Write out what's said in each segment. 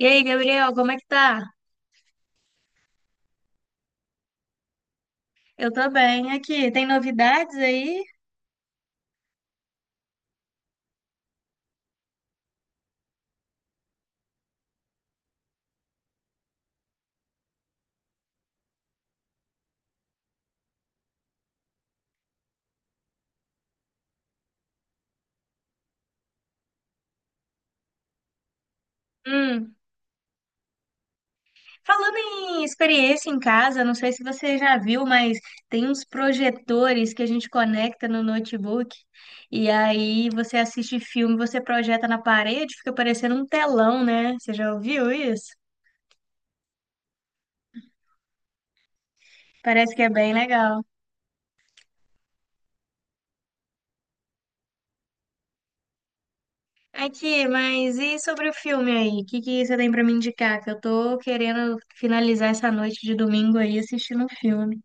E aí, Gabriel, como é que tá? Eu tô bem aqui. Tem novidades aí? Hum. Falando em experiência em casa, não sei se você já viu, mas tem uns projetores que a gente conecta no notebook e aí você assiste filme, você projeta na parede, fica parecendo um telão, né? Você já ouviu isso? Parece que é bem legal. Aqui, mas e sobre o filme aí? O que que você tem pra me indicar? Que eu tô querendo finalizar essa noite de domingo aí assistindo um filme.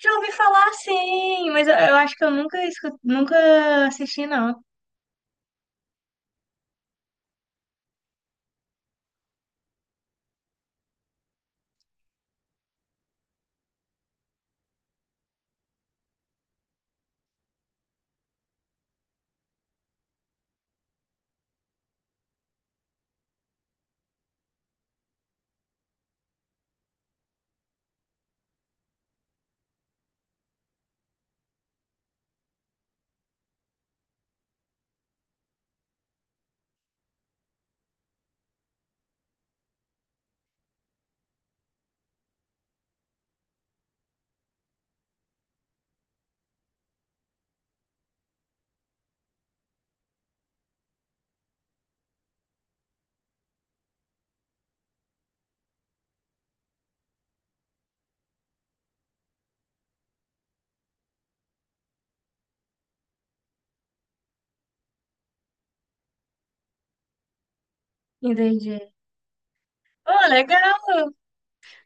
Já ouvi falar sim, mas eu acho que eu nunca nunca assisti, não. Entendi. Oh, legal.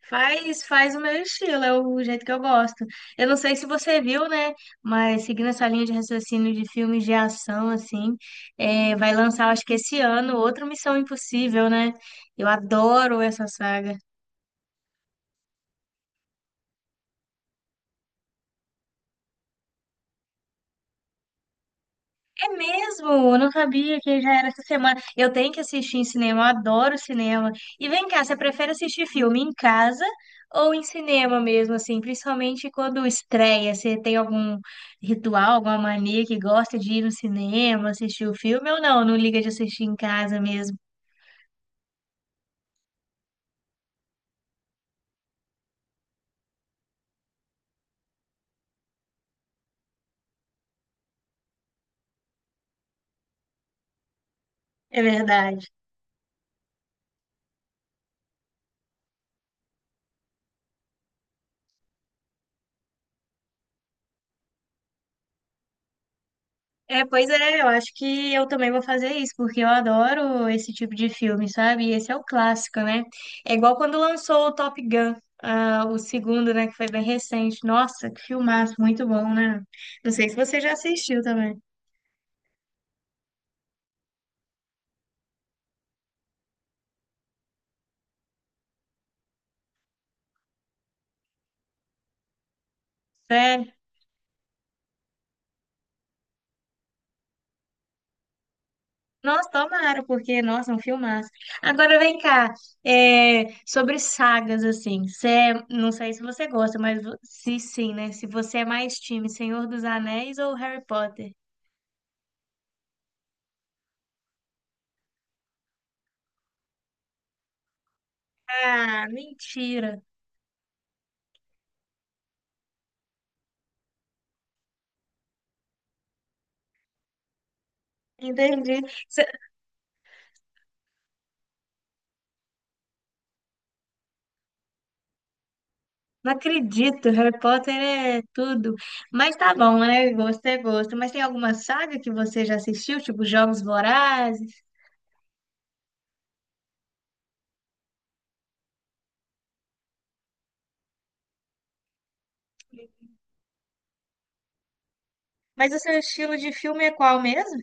Faz, faz o meu estilo, é o jeito que eu gosto. Eu não sei se você viu, né? Mas seguindo essa linha de raciocínio de filmes de ação, assim, é, vai lançar, acho que esse ano, outra Missão Impossível, né? Eu adoro essa saga. É mesmo, eu não sabia que já era essa semana. Eu tenho que assistir em cinema, eu adoro cinema. E vem cá, você prefere assistir filme em casa ou em cinema mesmo, assim? Principalmente quando estreia, você tem algum ritual, alguma mania que gosta de ir no cinema, assistir o filme ou não? Não liga de assistir em casa mesmo. É verdade. É, pois é, eu acho que eu também vou fazer isso, porque eu adoro esse tipo de filme, sabe? E esse é o clássico, né? É igual quando lançou o Top Gun, ah, o segundo, né, que foi bem recente. Nossa, que filmaço, muito bom, né? Não sei se você já assistiu também. Sério? Nossa, tomara, porque, nossa, é um filmaço. Agora vem cá, é, sobre sagas, assim, não sei se você gosta, mas se sim, né? Se você é mais time Senhor dos Anéis ou Harry Potter? Ah, mentira. Entendi. Cê- Não acredito, Harry Potter é tudo. Mas tá bom, né? Gosto é gosto. Mas tem alguma saga que você já assistiu, tipo Jogos Vorazes? Mas o seu estilo de filme é qual mesmo?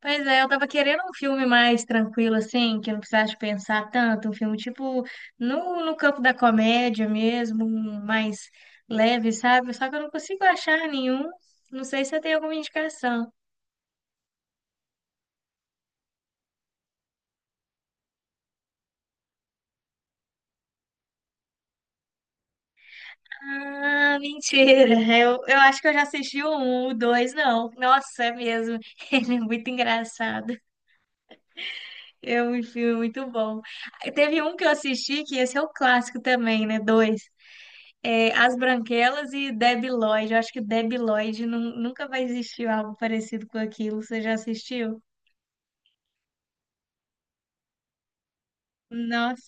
Pois é, eu tava querendo um filme mais tranquilo, assim, que eu não precisasse pensar tanto. Um filme tipo no campo da comédia mesmo, um mais leve, sabe? Só que eu não consigo achar nenhum. Não sei se você tem alguma indicação. Ah, mentira. Eu acho que eu já assisti o um, o dois, não. Nossa, é mesmo. Ele é muito engraçado. É um filme muito bom. Aí teve um que eu assisti, que esse é o clássico também, né? Dois. É, As Branquelas e Debi Lloyd. Eu acho que Debi Lloyd nunca vai existir algo parecido com aquilo. Você já assistiu? Nossa,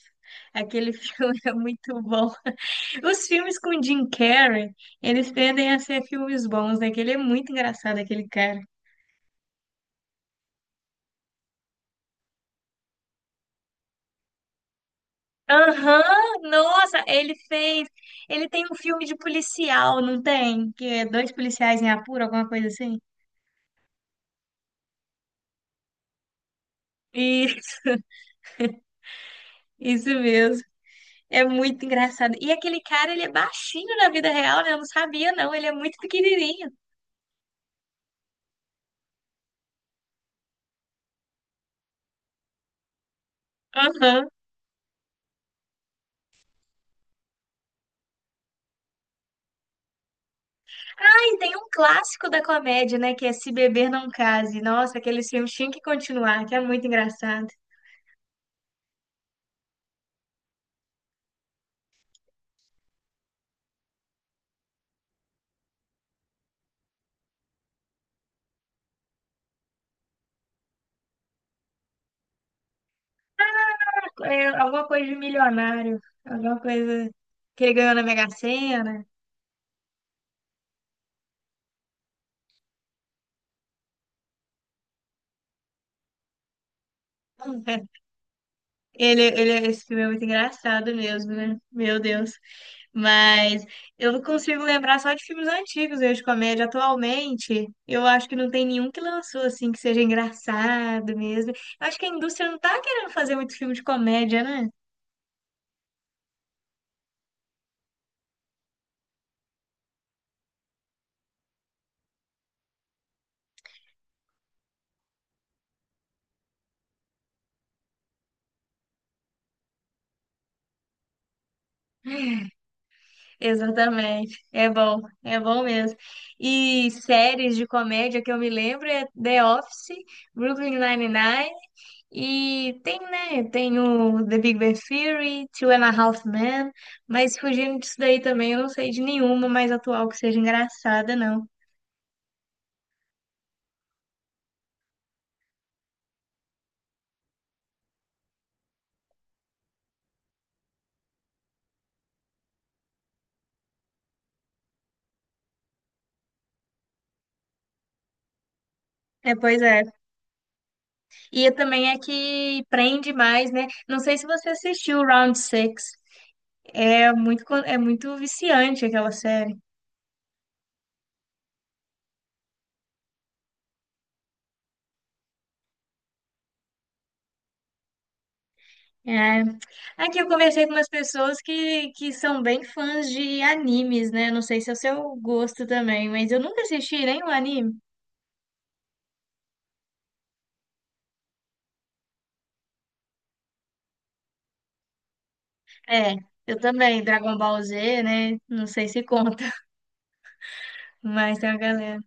aquele filme é muito bom. Os filmes com Jim Carrey, eles tendem a ser filmes bons, né? Que ele é muito engraçado, aquele cara. Aham, nossa, ele fez. Ele tem um filme de policial, não tem? Que é dois policiais em apuro, alguma coisa assim? Isso, isso mesmo. É muito engraçado. E aquele cara, ele é baixinho na vida real, né? Eu não sabia, não. Ele é muito pequenininho. Aham. Ah, e tem um clássico da comédia, né? Que é Se Beber Não Case. Nossa, aquele filme tinha que continuar, que é muito engraçado. É alguma coisa de milionário, alguma coisa que ele ganhou na Mega Sena. Esse filme é muito engraçado mesmo, né? Meu Deus. Mas eu consigo lembrar só de filmes antigos eu de comédia. Atualmente, eu acho que não tem nenhum que lançou assim que seja engraçado mesmo. Eu acho que a indústria não tá querendo fazer muito filme de comédia, né? Exatamente. É bom mesmo. E séries de comédia que eu me lembro é The Office, Brooklyn Nine-Nine. E tem, né? Tem o The Big Bang Theory, Two and a Half Men, mas fugindo disso daí também, eu não sei de nenhuma mais atual que seja engraçada, não. É, pois é. E é também é que prende mais, né? Não sei se você assistiu o Round Six. É muito, é muito viciante aquela série. É. Aqui eu conversei com umas pessoas que são bem fãs de animes, né? Não sei se é o seu gosto também, mas eu nunca assisti nenhum anime. É, eu também, Dragon Ball Z, né? Não sei se conta, mas tem uma galera.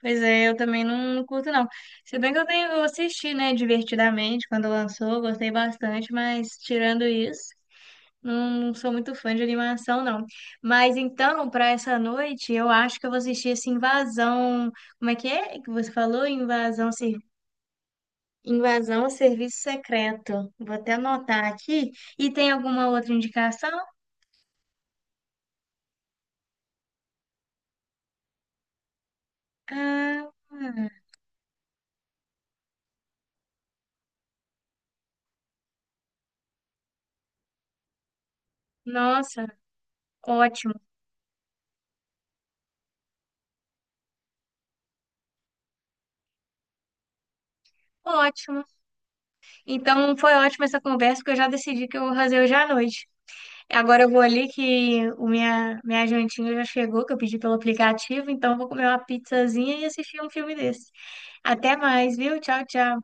Pois é, eu também não, não curto, não. Se bem que eu tenho, eu assisti, né, divertidamente quando lançou, gostei bastante, mas tirando isso, não sou muito fã de animação, não. Mas então, para essa noite, eu acho que eu vou assistir esse Invasão. Como é que você falou? Invasão ao Serviço Secreto. Vou até anotar aqui. E tem alguma outra indicação? Ah, nossa. Ótimo, ótimo. Então foi ótima essa conversa, porque eu já decidi que eu vou fazer hoje à noite. Agora eu vou ali que o minha jantinha já chegou, que eu pedi pelo aplicativo, então eu vou comer uma pizzazinha e assistir um filme desse. Até mais, viu? Tchau, tchau.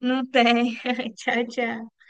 Não tem. Tchau, tchau.